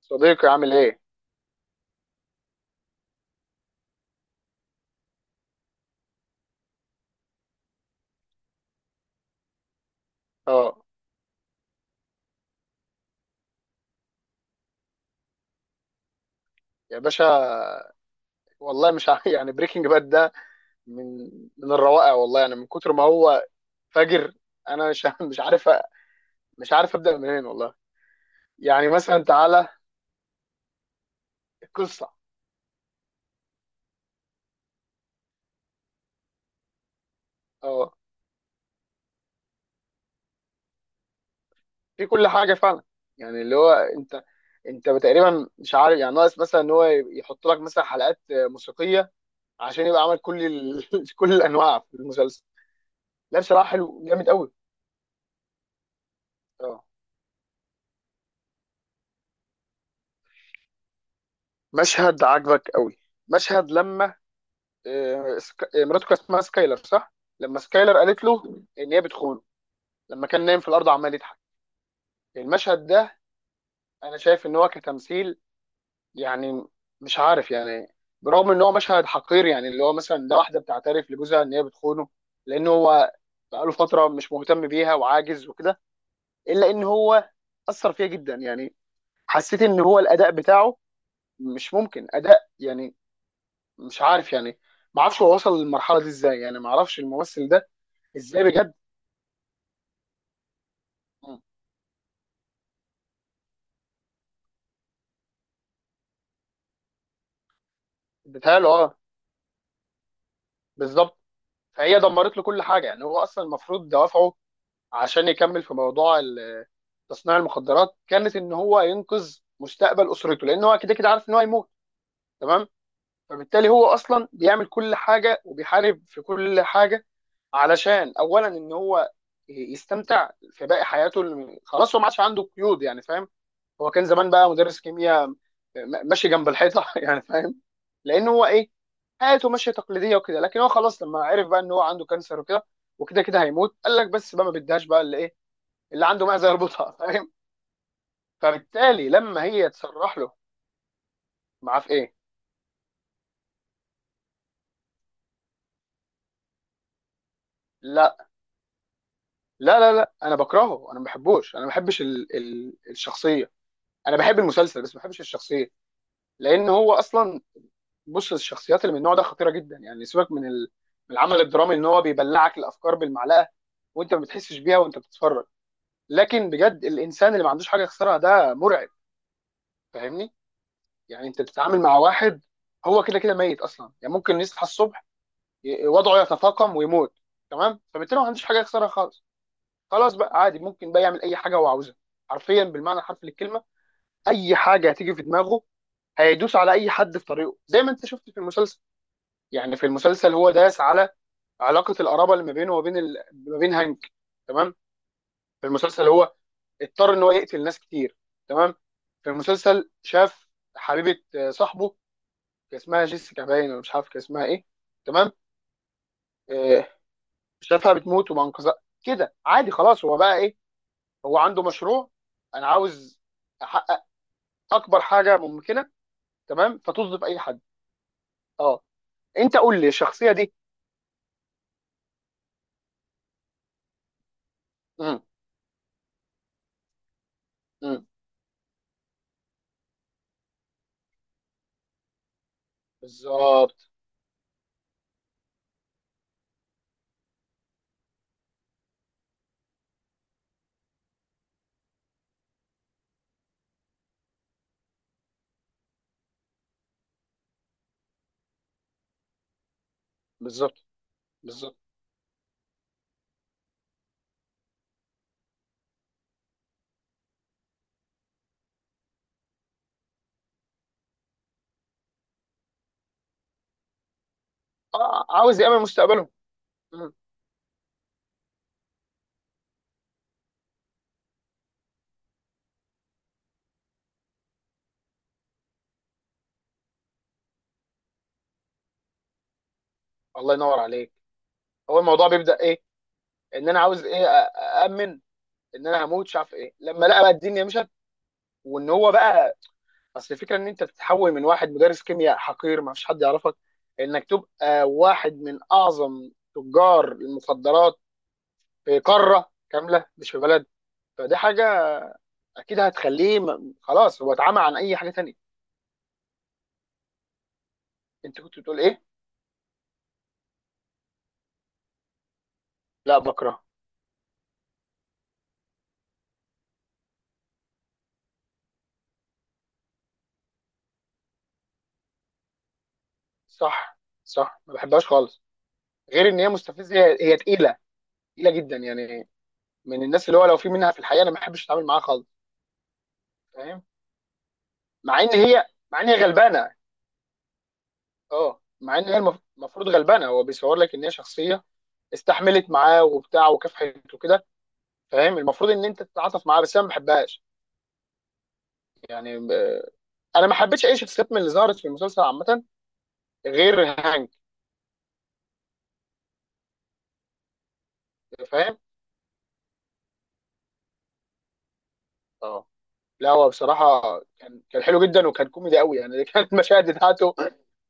صديقي، عامل ايه؟ اه، يا باشا، والله مش ع- يعني بريكنج باد ده من من الروائع، والله. يعني من كتر ما هو فجر، انا مش مش عارف ابدا منين والله. يعني مثلا، تعالى. القصه. اه، في كل حاجه فعلا. يعني اللي هو انت تقريبا مش عارف، يعني ناقص مثلا ان هو يحط لك مثلا حلقات موسيقيه عشان يبقى عمل كل الانواع في المسلسل. لا، بصراحه حلو، جامد قوي. اه. مشهد عجبك قوي، مشهد لما مراته كان اسمها سكايلر، صح؟ لما سكايلر قالت له ان هي بتخونه، لما كان نايم في الارض عمال يضحك. المشهد ده انا شايف ان هو كتمثيل، يعني مش عارف. يعني برغم ان هو مشهد حقير، يعني اللي هو مثلا ده واحده بتعترف لجوزها ان هي بتخونه لان هو بقاله فتره مش مهتم بيها وعاجز وكده، الا ان هو اثر فيها جدا. يعني حسيت ان هو الاداء بتاعه مش ممكن اداء، يعني مش عارف. يعني ما اعرفش هو وصل للمرحله دي ازاي، يعني ما اعرفش الممثل ده ازاي، بجد. بتهيأله، اه. بالظبط، فهي دمرت له كل حاجه. يعني هو اصلا المفروض دوافعه عشان يكمل في موضوع تصنيع المخدرات كانت ان هو ينقذ مستقبل اسرته، لان هو كده كده عارف ان هو هيموت. تمام. فبالتالي هو اصلا بيعمل كل حاجه وبيحارب في كل حاجه، علشان اولا ان هو يستمتع في باقي حياته خلاص، هو ما عادش عنده قيود، يعني فاهم. هو كان زمان بقى مدرس كيمياء، ماشي جنب الحيطه، يعني فاهم. لان هو ايه، حياته ماشيه تقليديه وكده. لكن هو خلاص لما عرف بقى ان هو عنده كانسر وكده، وكده كده هيموت، قال لك بس بقى، ما بديهاش بقى اللي ايه، اللي عنده معزه يربطها. فاهم. فبالتالي لما هي تصرح له معاه في ايه. لا، لا، لا، لا، انا بكرهه، انا ما بحبوش، انا ما بحبش ال الشخصيه. انا بحب المسلسل بس ما بحبش الشخصيه، لان هو اصلا، بص، الشخصيات اللي من النوع ده خطيره جدا. يعني سيبك من العمل الدرامي، ان هو بيبلعك الافكار بالمعلقه وانت ما بتحسش بيها وانت بتتفرج، لكن بجد الانسان اللي ما عندوش حاجه يخسرها ده مرعب، فاهمني؟ يعني انت بتتعامل مع واحد هو كده كده ميت اصلا. يعني ممكن يصحى الصبح وضعه يتفاقم ويموت. تمام. فبالتالي ما عندوش حاجه يخسرها خالص، خلاص بقى عادي، ممكن بقى يعمل اي حاجه هو عاوزها، حرفيا بالمعنى الحرفي للكلمه. اي حاجه هتيجي في دماغه، هيدوس على اي حد في طريقه زي ما انت شفت في المسلسل. يعني في المسلسل هو داس على علاقه القرابه اللي ما بينه وبين ال... ما بين هانك. تمام. في المسلسل هو اضطر ان هو يقتل ناس كتير. تمام. في المسلسل شاف حبيبه، صاحبه، كان اسمها جيسيكا باين، ولا مش عارف كان اسمها ايه. تمام. آه، شافها بتموت وما انقذها. كده عادي، خلاص هو بقى ايه، هو عنده مشروع، انا عاوز احقق اكبر حاجه ممكنه. تمام. فتظلم اي حد. اه، انت قول لي الشخصيه دي. مم. مم. بالظبط. بالظبط. بالظبط. آه، عاوز يامن مستقبله. مم. الله ينور عليك. هو الموضوع بيبدا ايه، ان انا عاوز ايه، اامن، ان انا هموت مش عارف ايه، لما لقى بقى الدنيا مشت. وان هو بقى، اصل الفكره ان انت بتتحول من واحد مدرس كيمياء حقير ما فيش حد يعرفك، انك تبقى واحد من اعظم تجار المخدرات في قاره كامله، مش في بلد. فدي حاجه اكيد هتخليه، خلاص، هو اتعمى عن اي حاجه تانية. انت كنت بتقول ايه؟ لا، بكره. صح، صح، ما بحبهاش خالص. غير ان هي مستفزه، هي تقيله، تقيله جدا. يعني من الناس اللي هو لو في منها في الحقيقه انا ما بحبش اتعامل معاها خالص، فاهم. مع ان هي غلبانه، اه. مع ان هي المفروض غلبانه، هو بيصور لك ان هي شخصيه استحملت معاه وبتاع وكافحت وكده. فاهم؟ المفروض ان انت تتعاطف معاها بس انا ما بحبهاش. يعني انا ما حبيتش اي شخصيات من اللي ظهرت في المسلسل عامه غير هانك. فاهم. اه. لا هو بصراحه كان حلو جدا، وكان كوميدي قوي. يعني كانت المشاهد بتاعته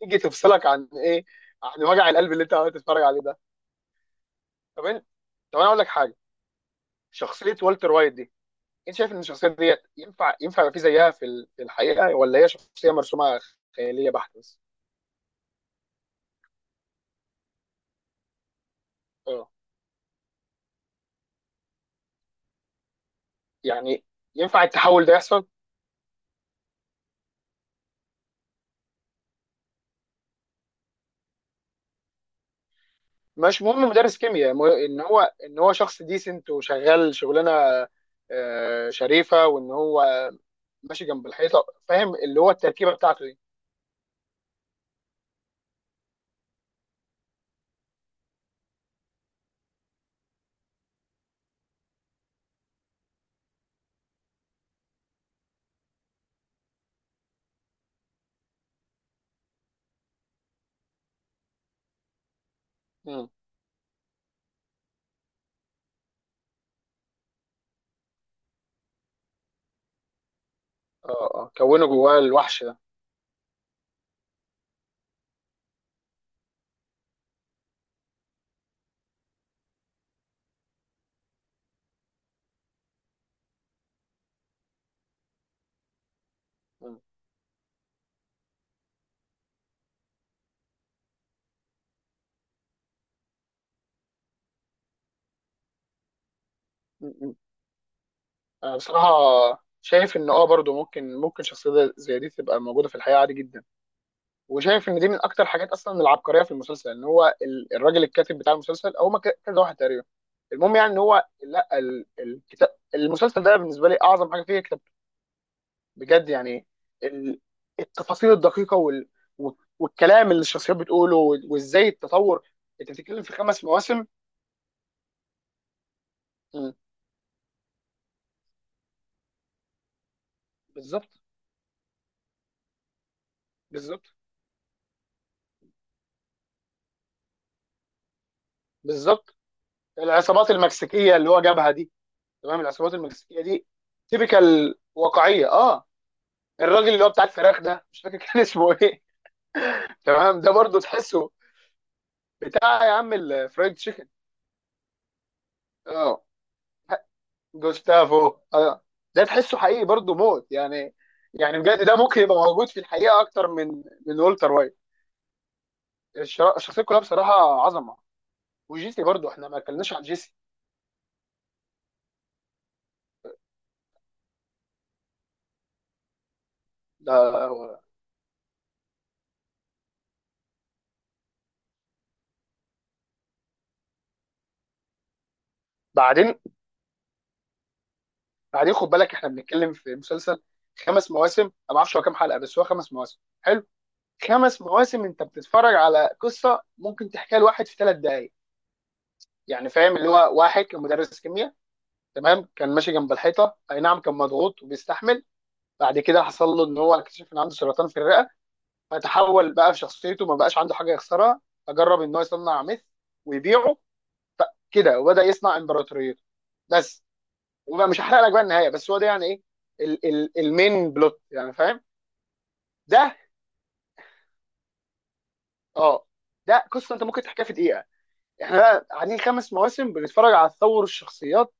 تيجي تفصلك عن ايه، عن وجع القلب اللي انت قاعد تتفرج عليه ده. طب انت طب انا اقول لك حاجه، شخصيه والتر وايت دي، انت شايف ان الشخصيه ديت ينفع يبقى في زيها في الحقيقه، ولا هي شخصيه مرسومه خياليه بحت بس؟ اه، يعني ينفع التحول ده يحصل. مش مهم مدرس كيمياء، ان هو، ان هو شخص ديسنت وشغال شغلانه شريفه، وان هو ماشي جنب الحيطه، فاهم، اللي هو التركيبه بتاعته دي. مم. اه، اه، كونه جواه الوحش ده. مم. مم. مم. انا بصراحه شايف ان اه برضو ممكن شخصيه زي دي تبقى موجوده في الحقيقه عادي جدا. وشايف ان دي من اكتر حاجات اصلا العبقريه في المسلسل، ان هو الراجل الكاتب بتاع المسلسل، او ما كذا واحد تقريبا، المهم. يعني ان هو لا، الكتاب، المسلسل ده بالنسبه لي اعظم حاجه فيه كتاب، بجد. يعني ال- التفاصيل الدقيقه وال، و- والكلام اللي الشخصيات بتقوله، وازاي التطور. انت بتتكلم في خمس مواسم. مم. بالظبط. بالظبط. بالظبط. العصابات المكسيكيه اللي هو جابها دي، تمام، العصابات المكسيكيه دي تيبيكال، واقعيه، اه. الراجل اللي هو بتاع الفراخ ده مش فاكر كان اسمه ايه. تمام. ده برضو تحسه، بتاع يا عم الفرايد تشيكن. اه. جوستافو، اه. ده تحسه حقيقي برضو موت، يعني. يعني بجد ده ممكن يبقى موجود في الحقيقه اكتر من والتر وايت. الشخصيه كلها بصراحه عظمه. وجيسي برضو، احنا ما اتكلمناش عن جيسي. ده بعدين. خد بالك، احنا بنتكلم في مسلسل خمس مواسم. انا ما اعرفش هو كام حلقه، بس هو خمس مواسم، حلو. خمس مواسم انت بتتفرج على قصه ممكن تحكيها لواحد في ثلاث دقائق. يعني فاهم؟ اللي هو واحد كان مدرس كيمياء، تمام، كان ماشي جنب الحيطه، اي نعم كان مضغوط وبيستحمل. بعد كده حصل له ان هو اكتشف ان عنده سرطان في الرئه، فتحول بقى في شخصيته، ما بقاش عنده حاجه يخسرها. فجرب ان هو يصنع ميث ويبيعه، كده وبدا يصنع امبراطوريته، بس. وبقى مش هحرق لك بقى النهايه، بس هو ده، يعني ايه ال المين بلوت، يعني فاهم. ده اه ده قصه انت ممكن تحكيها في دقيقه. احنا بقى قاعدين خمس مواسم بنتفرج على تطور الشخصيات،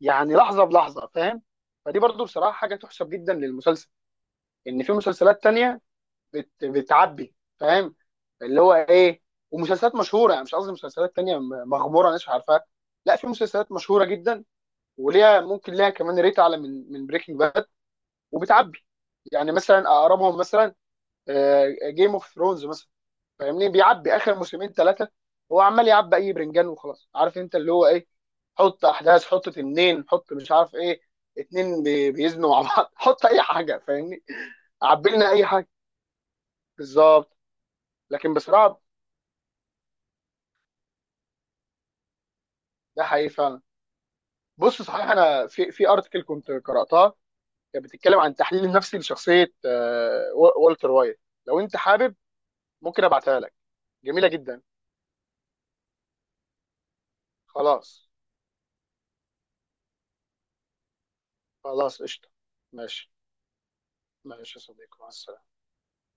يعني لحظه بلحظه، فاهم. فدي برضو بصراحه حاجه تحسب جدا للمسلسل. ان في مسلسلات تانية بتعبي، فاهم، اللي هو ايه. ومسلسلات مشهوره، يعني مش قصدي مسلسلات تانية مغموره ناس مش عارفاها، لا، في مسلسلات مشهوره جدا وليها، ممكن ليها كمان ريت اعلى من بريكنج باد، وبتعبي. يعني مثلا اقربهم مثلا جيم اوف ثرونز مثلا، فاهمني. بيعبي اخر موسمين ثلاثه. هو عمال يعبي اي برنجان وخلاص، عارف انت اللي هو ايه، حط احداث، حط تنين، حط مش عارف ايه، اتنين بيزنوا مع بعض، حط اي حاجه، فاهمني، عبي لنا اي حاجه. بالظبط. لكن بصراحه ده حقيقي فعلا. بص، صحيح انا في ارتكل كنت قراتها كانت بتتكلم عن التحليل النفسي لشخصيه والتر وايت. لو انت حابب ممكن ابعتها لك، جميله جدا. خلاص. خلاص قشطه. ماشي. ماشي يا صديقي، مع السلامه.